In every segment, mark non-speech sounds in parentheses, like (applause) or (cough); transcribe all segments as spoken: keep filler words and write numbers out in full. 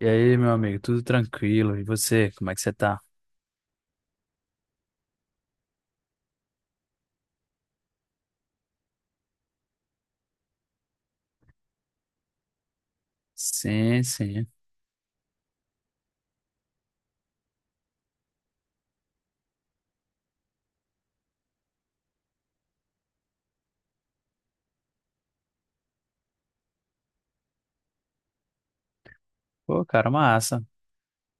E aí, meu amigo, tudo tranquilo? E você, como é que você tá? Sim, sim. Pô, cara, massa.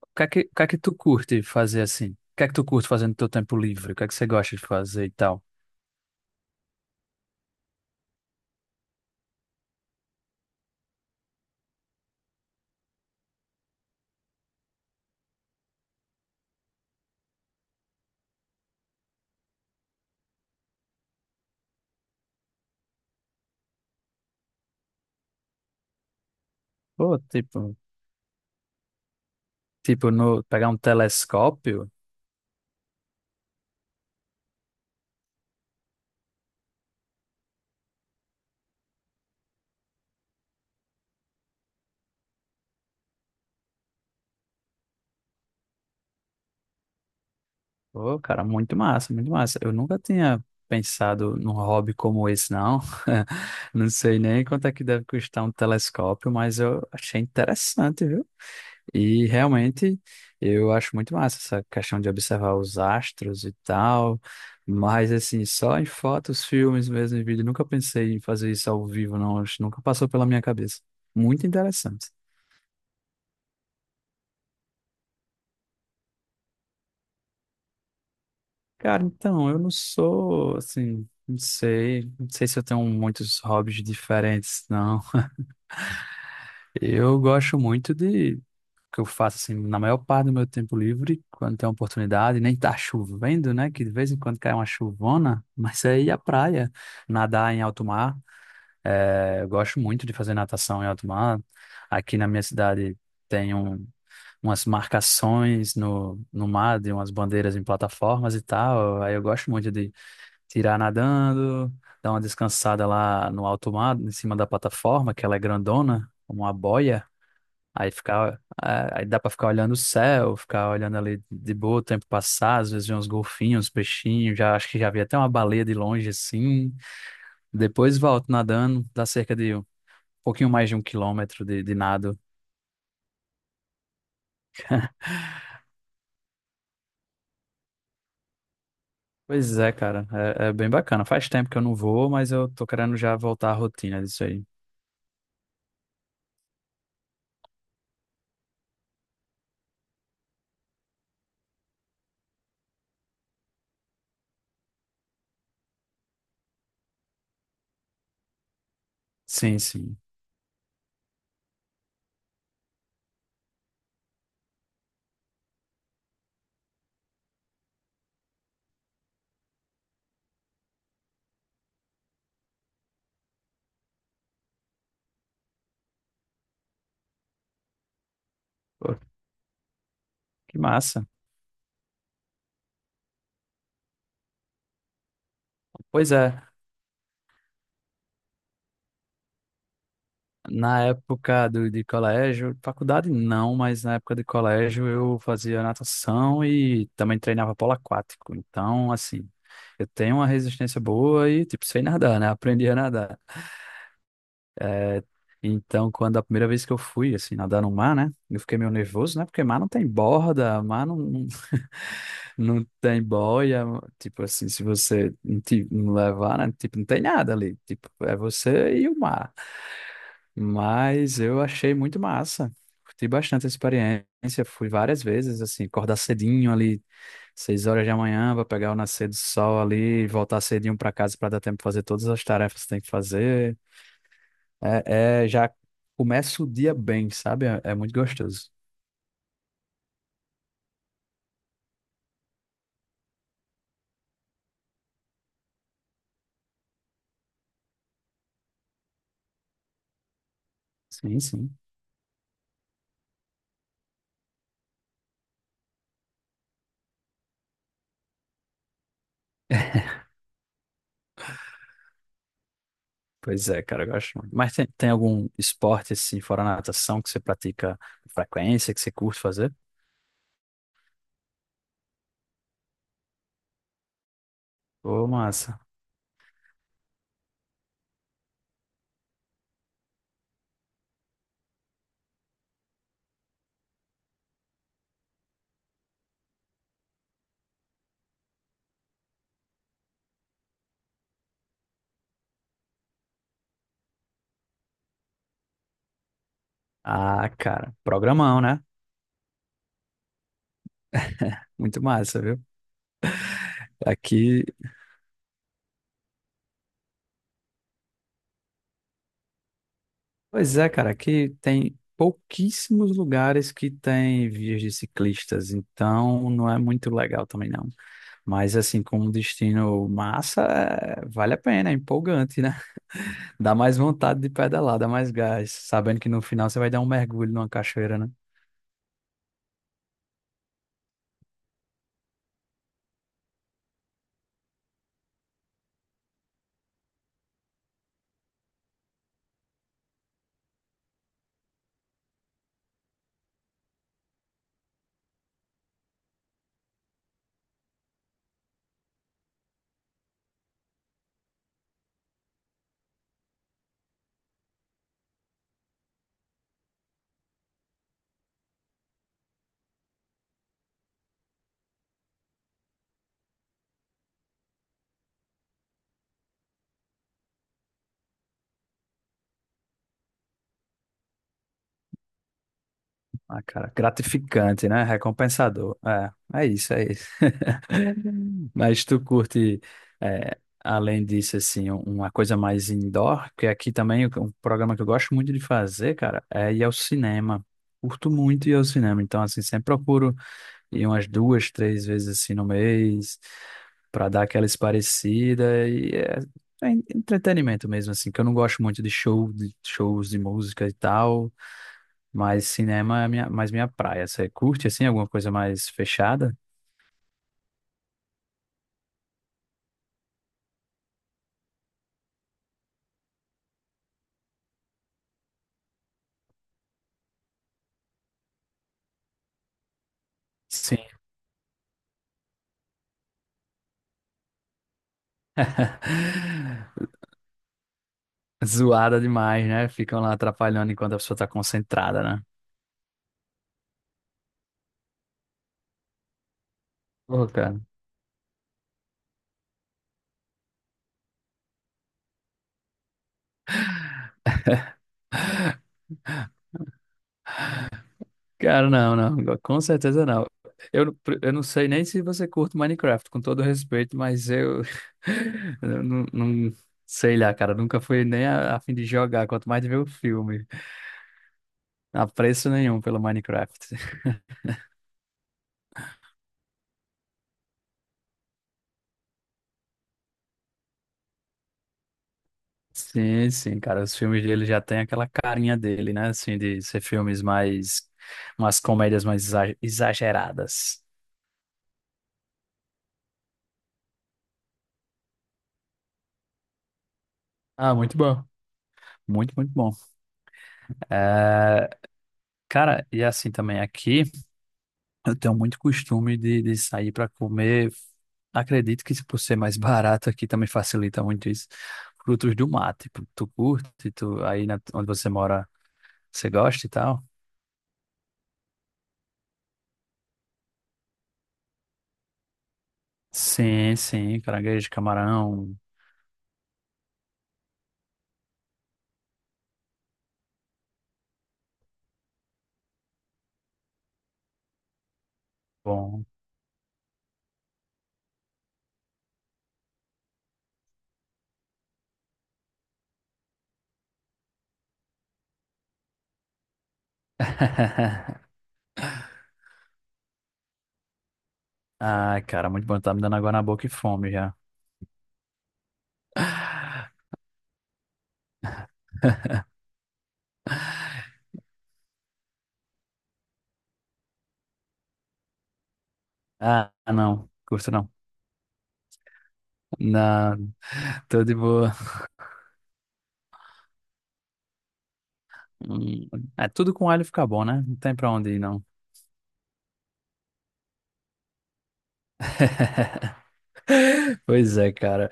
O que é que, o que é que tu curte fazer assim? O que é que tu curte fazer no teu tempo livre? O que é que você gosta de fazer e tal? Pô, tipo, tipo no, pegar um telescópio? Pô, cara, muito massa, muito massa. Eu nunca tinha pensado num hobby como esse, não. (laughs) Não sei nem quanto é que deve custar um telescópio, mas eu achei interessante, viu? E realmente eu acho muito massa essa questão de observar os astros e tal, mas assim, só em fotos, filmes mesmo, em vídeo, nunca pensei em fazer isso ao vivo, não, acho, nunca passou pela minha cabeça. Muito interessante. Cara, então, eu não sou assim, não sei, não sei se eu tenho muitos hobbies diferentes, não. Eu gosto muito de que eu faço assim na maior parte do meu tempo livre, quando tem a oportunidade, nem tá chovendo, né? Que de vez em quando cai uma chuvona, mas é ir à praia, nadar em alto mar. É, eu gosto muito de fazer natação em alto mar. Aqui na minha cidade tem um, umas marcações no, no mar, de umas bandeiras em plataformas e tal. Aí eu gosto muito de tirar nadando, dar uma descansada lá no alto mar, em cima da plataforma, que ela é grandona, como uma boia. Aí ficar, é, aí dá pra ficar olhando o céu, ficar olhando ali de boa o tempo passar, às vezes ver uns golfinhos, uns peixinhos, já acho que já vi até uma baleia de longe assim. Depois volto nadando, dá cerca de um pouquinho mais de um quilômetro de, de nado. Pois é, cara, é, é bem bacana. Faz tempo que eu não vou, mas eu tô querendo já voltar à rotina disso aí. Sim, sim. Pô, que massa. Pois é. Na época do, de colégio, faculdade não, mas na época de colégio eu fazia natação e também treinava polo aquático. Então, assim, eu tenho uma resistência boa e, tipo, sei nadar, né? (laughs) Aprendi a nadar. É, então, quando a primeira vez que eu fui, assim, nadar no mar, né? Eu fiquei meio nervoso, né? Porque mar não tem borda, mar não, não (laughs) não tem boia. Tipo assim, se você não te- não levar, né? Tipo, não tem nada ali. Tipo, é você e o mar. Mas eu achei muito massa. Curti bastante a experiência. Fui várias vezes, assim, acordar cedinho ali, seis horas da manhã, para pegar o nascer do sol ali, voltar cedinho para casa para dar tempo de fazer todas as tarefas que tem que fazer. É, é, já começa o dia bem, sabe? É, é muito gostoso. Sim, sim. Pois é, cara, eu gosto muito. Mas tem, tem algum esporte, assim, fora a natação, que você pratica com frequência, que você curte fazer? Ô, massa. Ah, cara, programão, né? Muito massa, viu? Aqui Pois é, cara, aqui tem pouquíssimos lugares que tem vias de ciclistas, então não é muito legal também não. Mas assim, como destino massa, é- vale a pena, é empolgante, né? (laughs) Dá mais vontade de pedalar, dá mais gás, sabendo que no final você vai dar um mergulho numa cachoeira, né? Ah, cara, gratificante, né? Recompensador. É, é isso, é isso. (laughs) Mas tu curte, é, além disso, assim, um- uma coisa mais indoor, que aqui também o- um programa que eu gosto muito de fazer, cara, é ir ao cinema. Curto muito ir ao cinema, então, assim, sempre procuro ir umas duas, três vezes, assim, no mês, para dar aquela esparecida e é, é entretenimento mesmo, assim, que eu não gosto muito de show, de shows de música e tal, mas cinema é minha, mais minha praia. Você curte, assim, alguma coisa mais fechada? Sim. (laughs) Zoada demais, né? Ficam lá atrapalhando enquanto a pessoa tá concentrada, né? Pô, cara. Cara, não, não. Com certeza não. Eu, eu não sei nem se você curte Minecraft, com todo respeito, mas eu, (laughs) eu não, não sei lá, cara. Nunca fui nem a, a fim de jogar, quanto mais de ver o filme. Apreço nenhum pelo Minecraft. Sim, sim, cara. Os filmes dele já tem aquela carinha dele, né? Assim, de ser filmes mais. Umas comédias mais exa- exageradas. Ah, muito bom. Muito, muito bom. É, cara, e assim também aqui, eu tenho muito costume de, de sair para comer. Acredito que se por ser mais (laughs) barato aqui também facilita muito isso. Frutos do mar, tipo, tu curte, tu, aí na- onde você mora, você gosta e tal? Sim, sim, caranguejo, camarão, bom. (laughs) Ai, cara, muito bom. Tá me dando água na boca e fome já. (laughs) Ah, não. Curto não. Não, tô de boa. Hum, É, tudo com alho fica bom, né? Não tem pra onde ir, não. (laughs) Pois é, cara.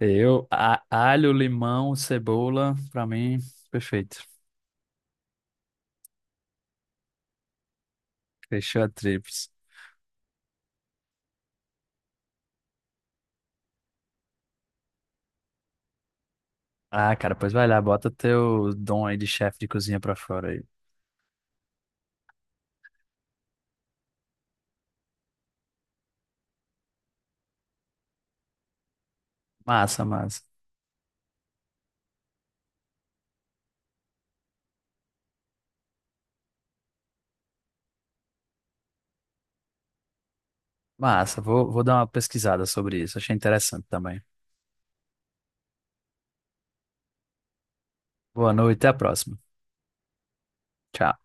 Eu, a- alho, limão, cebola, pra mim, perfeito. Fechou a tríplice. Ah, cara, pois vai lá, bota teu dom aí de chefe de cozinha pra fora aí. Massa, massa. Massa, vou, vou dar uma pesquisada sobre isso. Achei interessante também. Boa noite, até a próxima. Tchau.